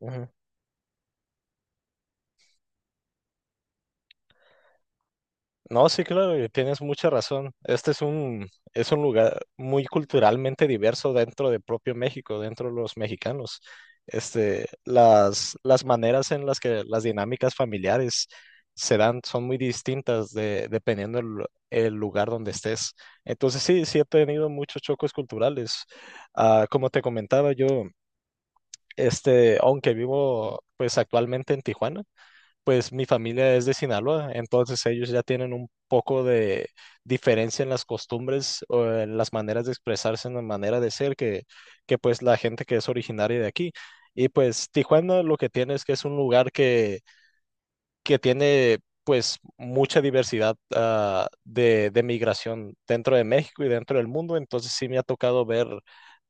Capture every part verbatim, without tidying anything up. Ujú. No, sí, claro, y tienes mucha razón. Este es un, es un lugar muy culturalmente diverso dentro de propio México, dentro de los mexicanos. Este, las, las maneras en las que las dinámicas familiares se dan son muy distintas de, dependiendo el, lu- el lugar donde estés. Entonces, sí, sí he tenido muchos choques culturales. Ah, como te comentaba yo, este, aunque vivo pues actualmente en Tijuana, pues mi familia es de Sinaloa, entonces ellos ya tienen un poco de diferencia en las costumbres o en las maneras de expresarse, en la manera de ser que, que pues la gente que es originaria de aquí. Y pues Tijuana lo que tiene es que es un lugar que que tiene pues mucha diversidad ah, de, de migración dentro de México y dentro del mundo, entonces sí me ha tocado ver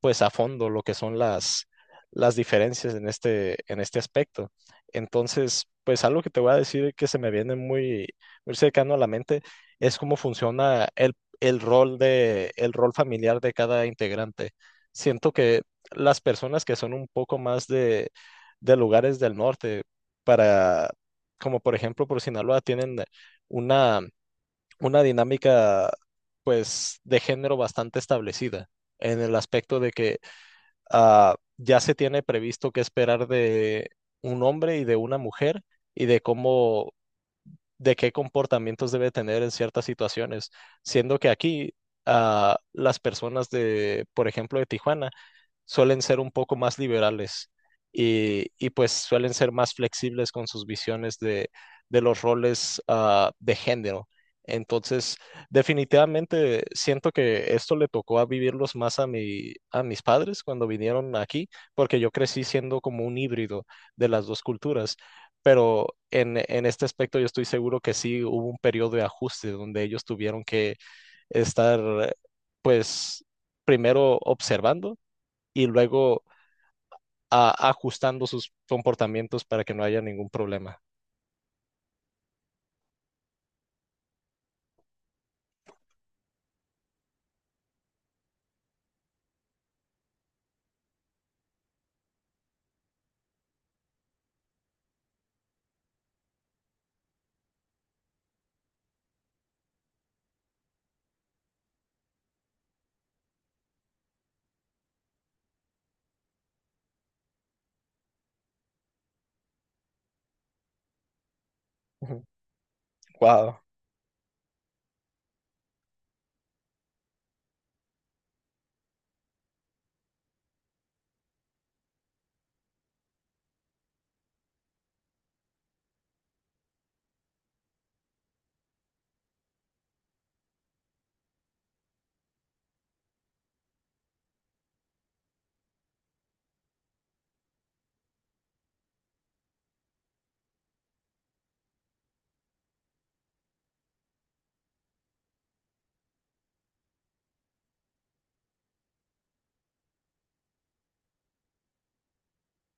pues a fondo lo que son las, las diferencias en este, en este aspecto. Entonces, pues algo que te voy a decir que se me viene muy, muy cercano a la mente es cómo funciona el, el rol de, el rol familiar de cada integrante. Siento que las personas que son un poco más de, de lugares del norte, para como por ejemplo por Sinaloa, tienen una, una dinámica pues de género bastante establecida en el aspecto de que ah, ya se tiene previsto qué esperar de un hombre y de una mujer y de cómo, de qué comportamientos debe tener en ciertas situaciones, siendo que aquí ah, las personas de, por ejemplo, de Tijuana, suelen ser un poco más liberales y, y pues suelen ser más flexibles con sus visiones de, de los roles ah, de género. Entonces, definitivamente siento que esto le tocó a vivirlos más a mi, a mis padres cuando vinieron aquí, porque yo crecí siendo como un híbrido de las dos culturas. Pero en, en este aspecto yo estoy seguro que sí hubo un periodo de ajuste donde ellos tuvieron que estar, pues, primero observando y luego ah, ajustando sus comportamientos para que no haya ningún problema. Ujú. Wow.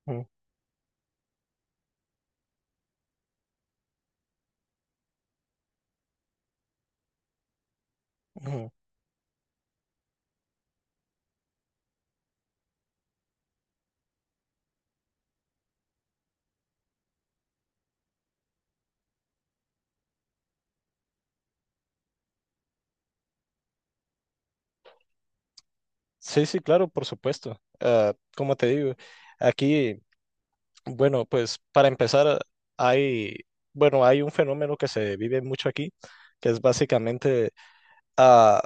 Ujú, ujú. Sí, sí, claro, por supuesto. Ah, como te digo, aquí, bueno, pues para empezar, hay, bueno, hay un fenómeno que se vive mucho aquí, que es básicamente ah,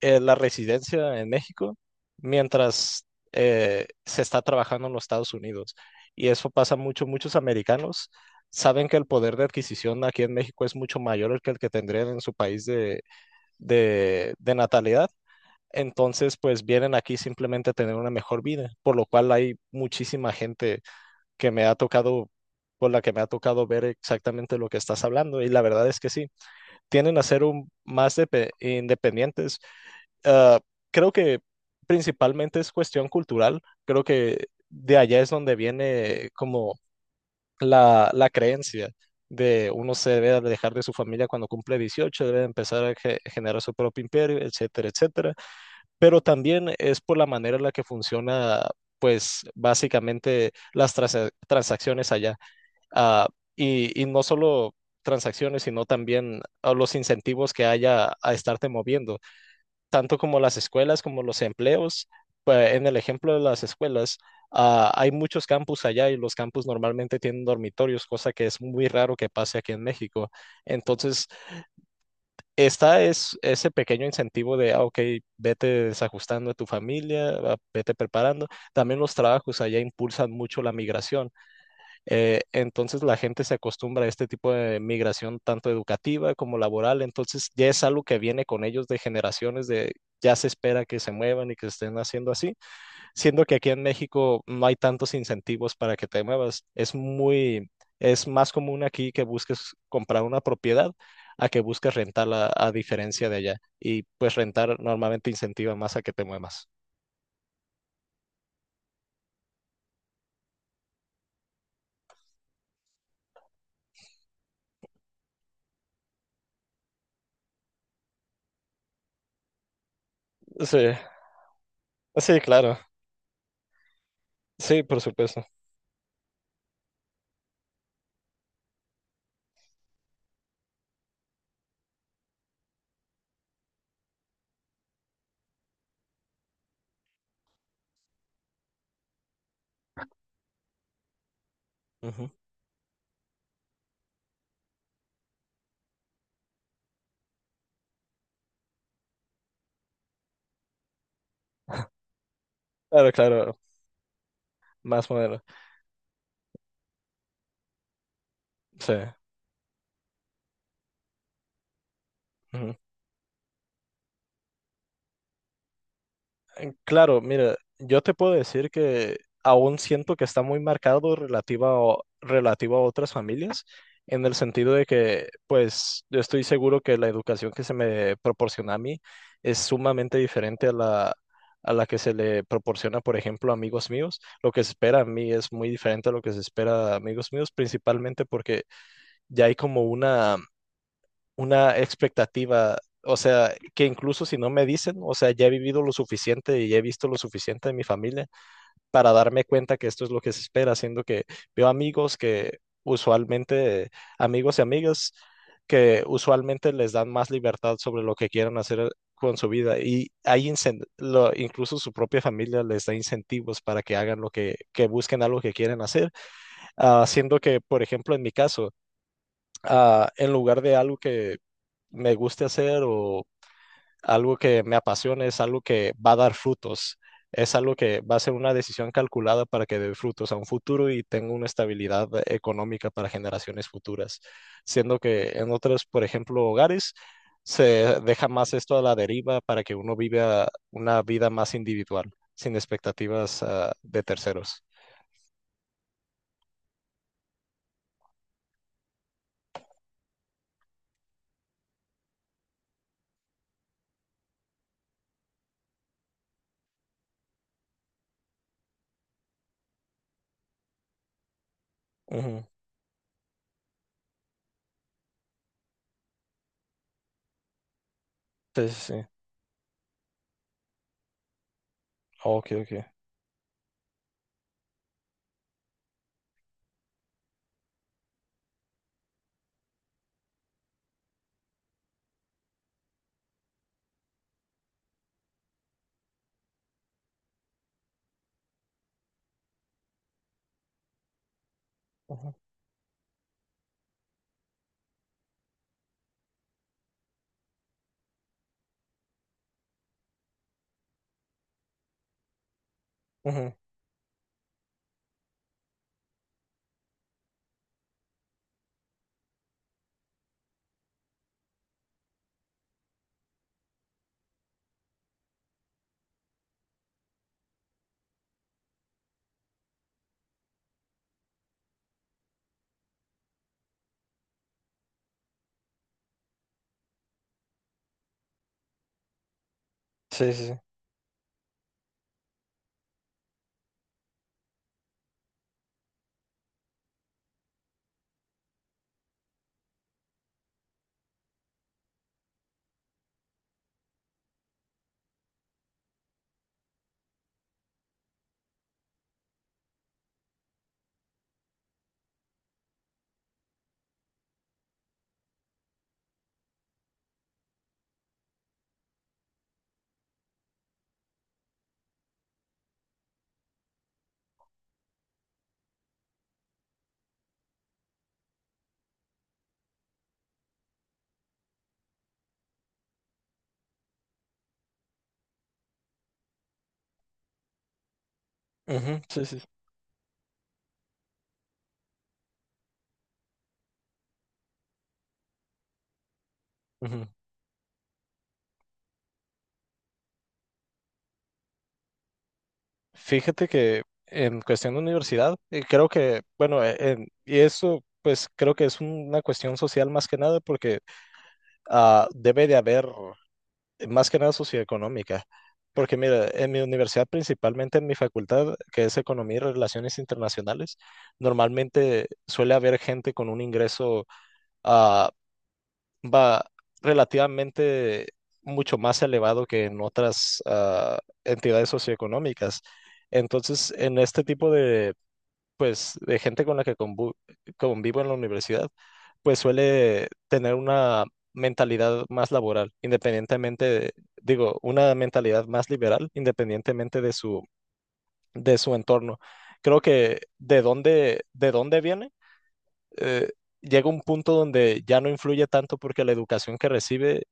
eh, la residencia en México mientras eh, se está trabajando en los Estados Unidos. Y eso pasa mucho. Muchos americanos saben que el poder de adquisición aquí en México es mucho mayor el que el que tendrían en su país de, de, de natalidad. Entonces, pues vienen aquí simplemente a tener una mejor vida, por lo cual hay muchísima gente que me ha tocado, por la que me ha tocado ver exactamente lo que estás hablando. Y la verdad es que sí, tienden a ser un, más de, independientes, ah, creo que principalmente es cuestión cultural, creo que de allá es donde viene como la, la creencia de uno se debe alejar de su familia cuando cumple dieciocho, debe empezar a ge- generar su propio imperio, etcétera, etcétera. Pero también es por la manera en la que funciona, pues básicamente las transa- transacciones allá. Ah, y, y no solo transacciones, sino también a los incentivos que haya a estarte moviendo tanto como las escuelas, como los empleos. Pues en el ejemplo de las escuelas, ah, hay muchos campus allá y los campus normalmente tienen dormitorios, cosa que es muy raro que pase aquí en México. Entonces, está es ese pequeño incentivo de, ah, ok, vete desajustando a tu familia, ah, vete preparando. También los trabajos allá impulsan mucho la migración. Eh, entonces la gente se acostumbra a este tipo de migración tanto educativa como laboral, entonces ya es algo que viene con ellos de generaciones de ya se espera que se muevan y que estén haciendo así, siendo que aquí en México no hay tantos incentivos para que te muevas, es muy es más común aquí que busques comprar una propiedad a que busques rentarla a diferencia de allá y pues rentar normalmente incentiva más a que te muevas. Sí, sí, claro. Sí, por supuesto. Ujú. Claro, claro, más moderno. Sí. Ujú. Claro, mira, yo te puedo decir que aún siento que está muy marcado relativo a, relativo a otras familias, en el sentido de que, pues, yo estoy seguro que la educación que se me proporciona a mí es sumamente diferente a la, a la que se le proporciona, por ejemplo, a amigos míos. Lo que se espera a mí es muy diferente a lo que se espera a amigos míos, principalmente porque ya hay como una una expectativa, o sea, que incluso si no me dicen, o sea, ya he vivido lo suficiente y he visto lo suficiente de mi familia para darme cuenta que esto es lo que se espera, siendo que veo amigos que usualmente, amigos y amigas, que usualmente les dan más libertad sobre lo que quieran hacer con su vida y hay incen- lo- incluso su propia familia les da incentivos para que hagan lo que, que busquen algo que quieren hacer, haciendo siendo que, por ejemplo, en mi caso, ah, en lugar de algo que me guste hacer o algo que me apasione es algo que va a dar frutos. Es algo que va a ser una decisión calculada para que dé frutos a un futuro y tenga una estabilidad económica para generaciones futuras. Siendo que en otros, por ejemplo, hogares, se deja más esto a la deriva para que uno viva una vida más individual, sin expectativas, ah, de terceros. Ujú. Sí, sí, sí. Oh, ok, ok. Ujú, ujú, sí, sí, sí. Ujú, sí, sí, sí. Ujú. Fíjate que en cuestión de universidad, eh, creo que, bueno, eh, en- y eso pues creo que es una cuestión social más que nada porque ah, debe de haber, más que nada socioeconómica. Porque mira, en mi universidad, principalmente en mi facultad, que es Economía y Relaciones Internacionales, normalmente suele haber gente con un ingreso ah, va relativamente mucho más elevado que en otras ah, entidades socioeconómicas. Entonces, en este tipo de pues de gente con la que convu- convivo en la universidad, pues suele tener una mentalidad más laboral, independientemente de- digo, una mentalidad más liberal, independientemente de su, de su, entorno. Creo que de dónde, de dónde viene, eh, llega un punto donde ya no influye tanto porque la educación que recibe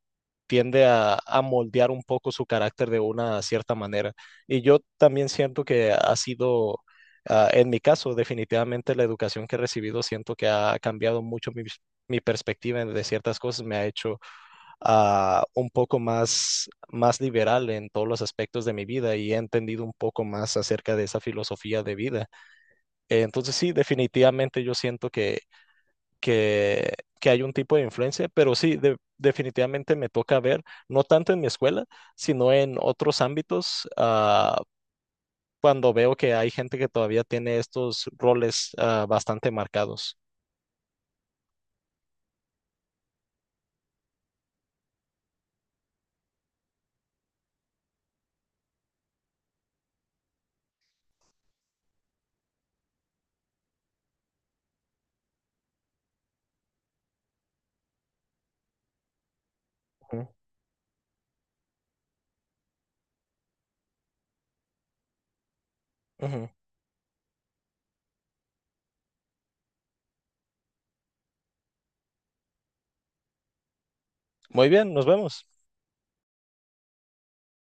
tiende a, a moldear un poco su carácter de una cierta manera. Y yo también siento que ha sido, ah, en mi caso, definitivamente la educación que he recibido, siento que ha cambiado mucho mi, mi perspectiva en- de ciertas cosas, me ha hecho ah, un poco más, más liberal en todos los aspectos de mi vida y he entendido un poco más acerca de esa filosofía de vida. Eh, Entonces sí, definitivamente yo siento que que, que, hay un tipo de influencia, pero sí, de- definitivamente me toca ver, no tanto en mi escuela, sino en otros ámbitos, ah, cuando veo que hay gente que todavía tiene estos roles, ah, bastante marcados. Ujú. Ujú. Muy bien, nos vemos.